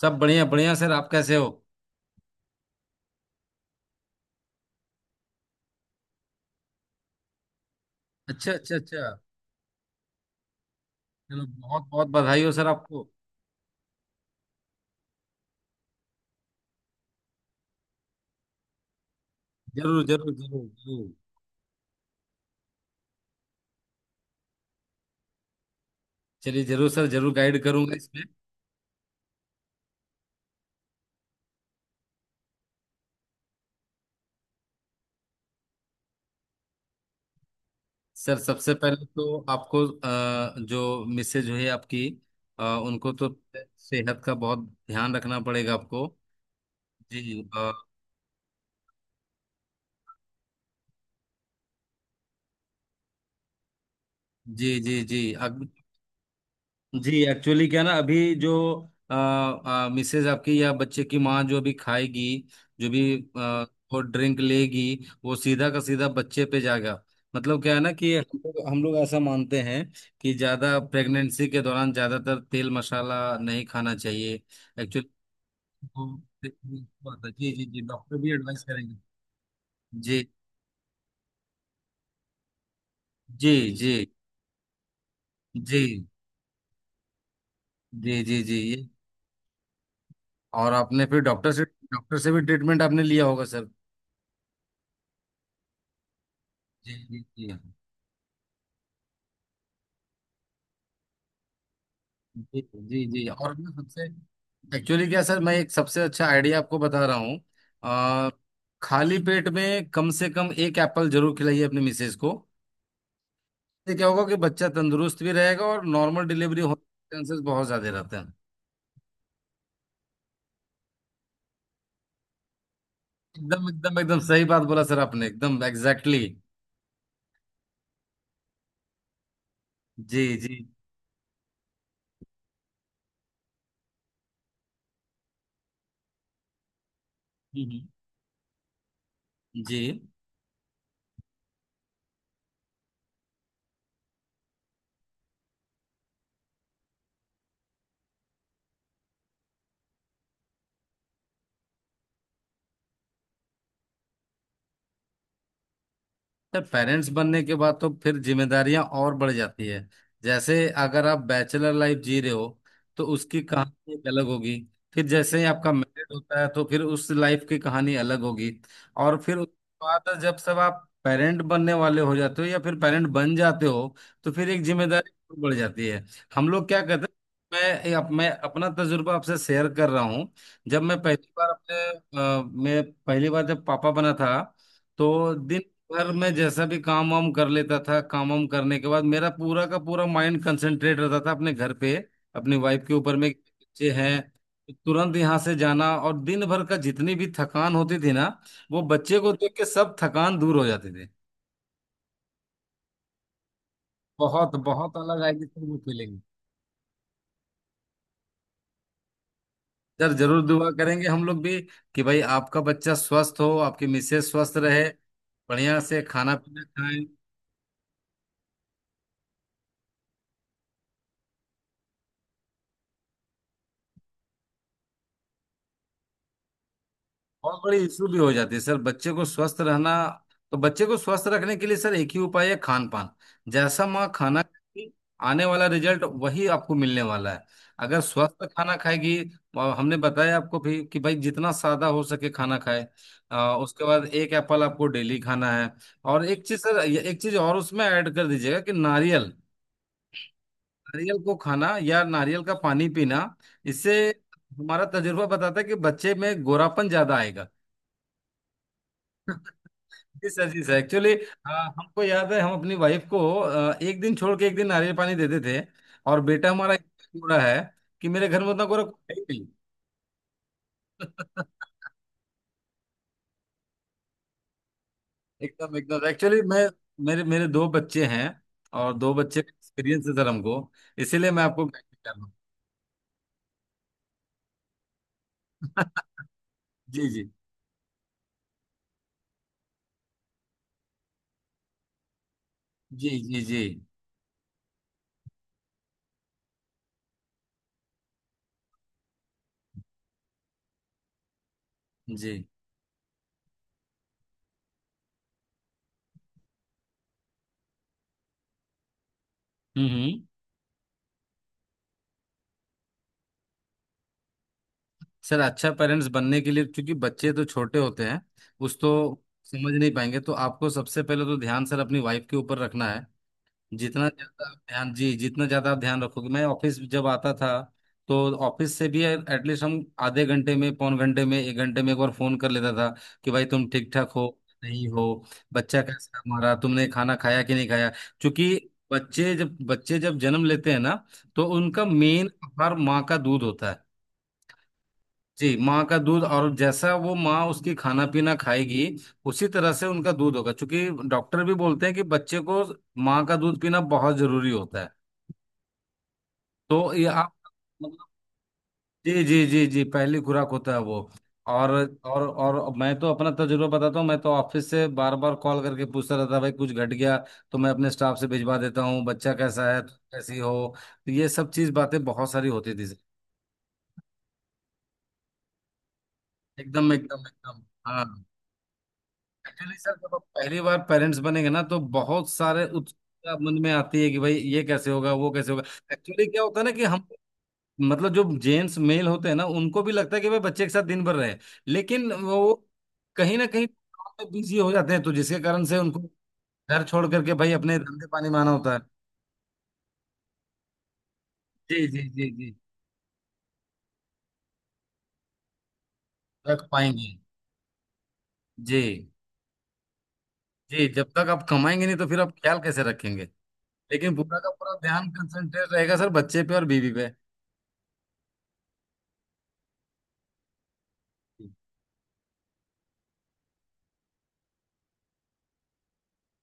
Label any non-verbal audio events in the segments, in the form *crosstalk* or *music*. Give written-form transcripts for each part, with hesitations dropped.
सब बढ़िया बढ़िया सर, आप कैसे हो? अच्छा, अच्छा, अच्छा। चलो, बहुत बहुत बधाई हो सर आपको। जरूर, जरूर, जरूर, जरूर। चलिए, जरूर सर, जरूर गाइड करूंगा इसमें। सर सबसे पहले तो आपको जो मिसेज हुई आपकी, उनको तो सेहत का बहुत ध्यान रखना पड़ेगा आपको। जी। अ, जी, जी, जी। अब जी, एक्चुअली क्या ना, अभी जो मिसेज आपकी या बच्चे की माँ जो भी खाएगी, जो भी आ, वो ड्रिंक लेगी, वो सीधा का सीधा बच्चे पे जाएगा। मतलब क्या है ना कि हम लोग ऐसा मानते हैं कि ज्यादा प्रेगनेंसी के दौरान ज्यादातर तेल मसाला नहीं खाना चाहिए। एक्चुअली *laughs* जी, जी, जी, डॉक्टर भी एडवाइस करेंगे। जी, जी, जी, जी, जी, जी, जी ये। और आपने फिर डॉक्टर से भी ट्रीटमेंट आपने लिया होगा सर। जी, जी, जी, जी, जी, जी, और ना सबसे, एक्चुअली क्या सर, मैं एक सबसे अच्छा आइडिया आपको बता रहा हूँ। आ, खाली पेट में कम से कम एक एप्पल जरूर खिलाइए अपनी मिसेज को। इससे क्या होगा कि बच्चा तंदुरुस्त भी रहेगा और नॉर्मल डिलीवरी होने के चांसेस बहुत ज्यादा रहते हैं। एकदम, एकदम, एकदम सही बात बोला सर आपने, एकदम एग्जैक्टली exactly। जी, जी। हम्म, हम्म। जी। तो पेरेंट्स बनने के बाद तो फिर जिम्मेदारियां और बढ़ जाती है। जैसे, अगर आप बैचलर लाइफ जी रहे हो तो उसकी हाँ कहानी एक अलग होगी। फिर जैसे ही आपका मैरिड होता है तो फिर उस लाइफ की कहानी अलग होगी। और फिर उसके बाद जब सब आप पेरेंट बनने वाले हो जाते हो या फिर पेरेंट बन जाते हो तो फिर एक जिम्मेदारी और बढ़ जाती है। हम लोग क्या कहते हैं, मैं अपना तजुर्बा आपसे शेयर कर रहा हूँ। जब मैं पहली बार अपने अ, मैं पहली बार जब पापा बना था तो दिन पर मैं जैसा भी काम वाम कर लेता था, काम वाम करने के बाद मेरा पूरा का पूरा माइंड कंसंट्रेट रहता था अपने घर पे, अपनी वाइफ के ऊपर में, कि बच्चे हैं तो तुरंत यहाँ से जाना, और दिन भर का जितनी भी थकान होती थी ना, वो बच्चे को देख के सब थकान दूर हो जाती थी। बहुत बहुत अलग आएगी सर वो फीलिंग। सर जरूर दुआ करेंगे हम लोग भी, कि भाई आपका बच्चा स्वस्थ हो, आपकी मिसेज स्वस्थ रहे, बढ़िया से खाना पीना खाएं। बहुत बड़ी इशू भी हो जाती है सर बच्चे को स्वस्थ रहना। तो बच्चे को स्वस्थ रखने के लिए सर एक ही उपाय है, खान पान। जैसा माँ खाना खाएगी, आने वाला रिजल्ट वही आपको मिलने वाला है, अगर स्वस्थ खाना खाएगी। और हमने बताया आपको भी कि भाई जितना सादा हो सके खाना खाए। उसके बाद एक एप्पल आपको डेली खाना है। और एक चीज सर एक चीज और उसमें ऐड कर दीजिएगा, कि नारियल। नारियल को खाना या नारियल का पानी पीना, इससे हमारा तजुर्बा बताता है कि बच्चे में गोरापन ज्यादा आएगा। जी सर, जी सर, एक्चुअली हमको याद है, हम अपनी वाइफ को एक दिन छोड़ के एक दिन नारियल पानी देते थे। और बेटा हमारा इतना गोरा है कि मेरे घर में उतना गोरा कोई है ही नहीं। *laughs* एकदम, एकदम, एक्चुअली मैं, मेरे मेरे दो बच्चे हैं, और दो बच्चे का एक्सपीरियंस है सर हमको, इसीलिए मैं आपको गाइड कर रहा हूँ। *laughs* जी, जी, जी, जी, जी, जी। हम्म, सर अच्छा पेरेंट्स बनने के लिए, क्योंकि बच्चे तो छोटे होते हैं, उस तो समझ नहीं पाएंगे, तो आपको सबसे पहले तो ध्यान सर अपनी वाइफ के ऊपर रखना है। जितना ज्यादा आप ध्यान रखोगे, मैं ऑफिस जब आता था तो ऑफिस से भी एटलीस्ट हम आधे घंटे में, पौन घंटे में, एक घंटे में एक बार फोन कर लेता था, कि भाई तुम ठीक ठाक हो, नहीं हो, बच्चा कैसा है हमारा, तुमने खाना खाया कि नहीं खाया। क्योंकि बच्चे जब जन्म लेते हैं ना, तो उनका मेन आहार माँ का दूध होता है। जी, माँ का दूध, और जैसा वो माँ उसकी खाना पीना खाएगी उसी तरह से उनका दूध होगा, क्योंकि डॉक्टर भी बोलते हैं कि बच्चे को माँ का दूध पीना बहुत जरूरी होता है। तो ये आप, मतलब, जी, जी, जी, जी पहली खुराक होता है वो। और और मैं तो अपना तजुर्बा बताता हूँ, मैं तो ऑफिस से बार बार कॉल करके पूछता रहता भाई कुछ घट गया, तो मैं अपने स्टाफ से भिजवा देता हूँ, बच्चा कैसा है, तुम कैसी हो। तो ये सब चीज बातें बहुत सारी होती थी सर। एकदम, एकदम, एकदम, हाँ। एक्चुअली सर जब आप पहली बार पेरेंट्स बनेंगे ना तो बहुत सारे उत्सुकता मन में आती है कि भाई ये कैसे होगा, वो कैसे होगा। एक्चुअली क्या होता है ना कि हम, मतलब जो जेंट्स मेल होते हैं ना उनको भी लगता है कि भाई बच्चे के साथ दिन भर रहे, लेकिन वो कहीं ना कहीं बिजी हो जाते हैं तो जिसके कारण से उनको घर छोड़ करके भाई अपने धंधे पानी माना होता है। जी, जी, जी, जी। रख पाएंगे। जी, जी। जब तक आप कमाएंगे नहीं तो फिर आप ख्याल कैसे रखेंगे। लेकिन पूरा का पूरा ध्यान कंसंट्रेट रहेगा सर बच्चे पे और बीवी पे।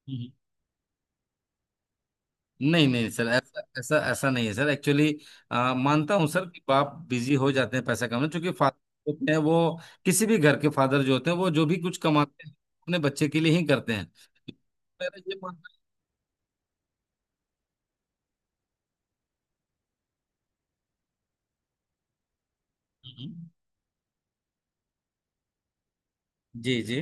हम्म। नहीं नहीं सर, ऐसा ऐसा ऐसा नहीं है सर। एक्चुअली मानता हूँ सर कि बाप बिजी हो जाते हैं पैसा कमाने, क्योंकि फादर होते हैं वो। किसी भी घर के फादर जो होते हैं वो जो भी कुछ कमाते हैं अपने बच्चे के लिए ही करते हैं। मेरा ये मानना। हम्म। जी, जी।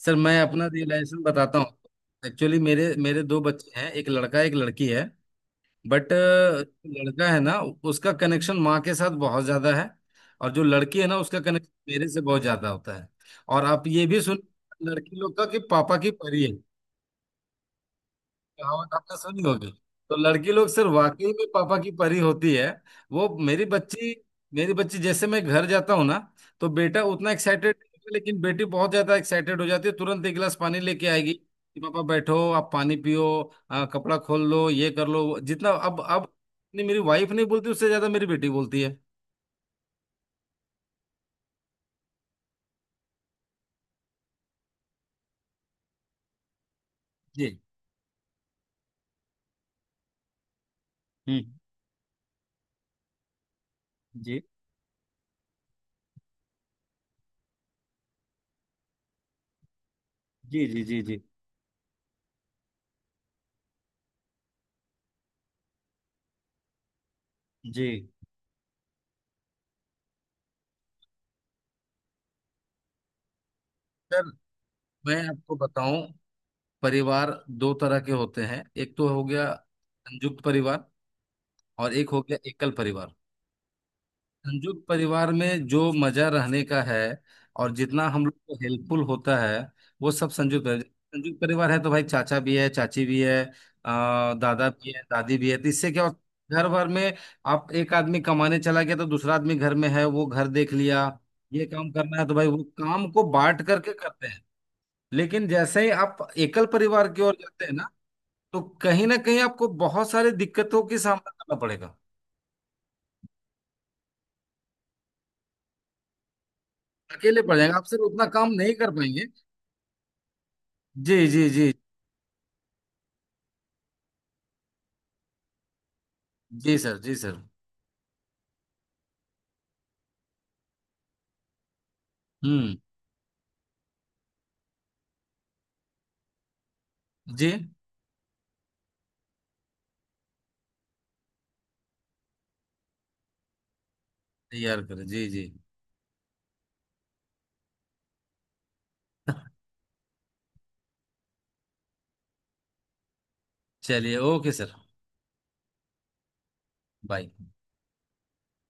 सर मैं अपना रियलाइजेशन बताता हूँ। एक्चुअली मेरे मेरे दो बच्चे हैं, एक लड़का एक लड़की है। बट लड़का है ना, उसका कनेक्शन माँ के साथ बहुत ज्यादा है। और जो लड़की है ना, उसका कनेक्शन मेरे से बहुत ज्यादा होता है। और आप ये भी सुन, लड़की लोग का कि पापा की परी है, कहावत आपने सुनी होगी। तो लड़की लोग सिर्फ वाकई में पापा की परी होती है। वो मेरी बच्ची, मेरी बच्ची, जैसे मैं घर जाता हूँ ना, तो बेटा उतना एक्साइटेड, लेकिन बेटी बहुत ज्यादा एक्साइटेड हो जाती है, तुरंत एक गिलास पानी लेके आएगी कि पापा बैठो, आप पानी पियो, कपड़ा खोल लो, ये कर लो जितना, अब नहीं, मेरी वाइफ नहीं बोलती उससे ज्यादा मेरी बेटी बोलती है। जी। हम्म। जी, जी, जी, जी, जी, जी। सर मैं आपको बताऊं, परिवार दो तरह के होते हैं, एक तो हो गया संयुक्त परिवार, और एक हो गया एकल परिवार। संयुक्त परिवार में जो मजा रहने का है और जितना हम लोग को हेल्पफुल होता है, वो सब संयुक्त परिवार। संयुक्त परिवार है तो भाई चाचा भी है, चाची भी है, दादा भी है, दादी भी है, तो इससे क्या होता है, घर भर में। आप एक आदमी कमाने चला गया तो दूसरा आदमी घर में है, वो घर देख लिया। ये काम करना है तो भाई वो काम को बांट करके करते हैं। लेकिन जैसे ही आप एकल परिवार की ओर जाते हैं ना, तो कहीं ना कहीं आपको बहुत सारी दिक्कतों की सामना करना पड़ेगा। अकेले पड़ जाएंगे आप, सिर्फ उतना काम नहीं कर पाएंगे। जी, जी, जी, जी सर, जी सर। हम्म। जी। तैयार करें, जी, जी। *laughs* चलिए, ओके सर। बाय।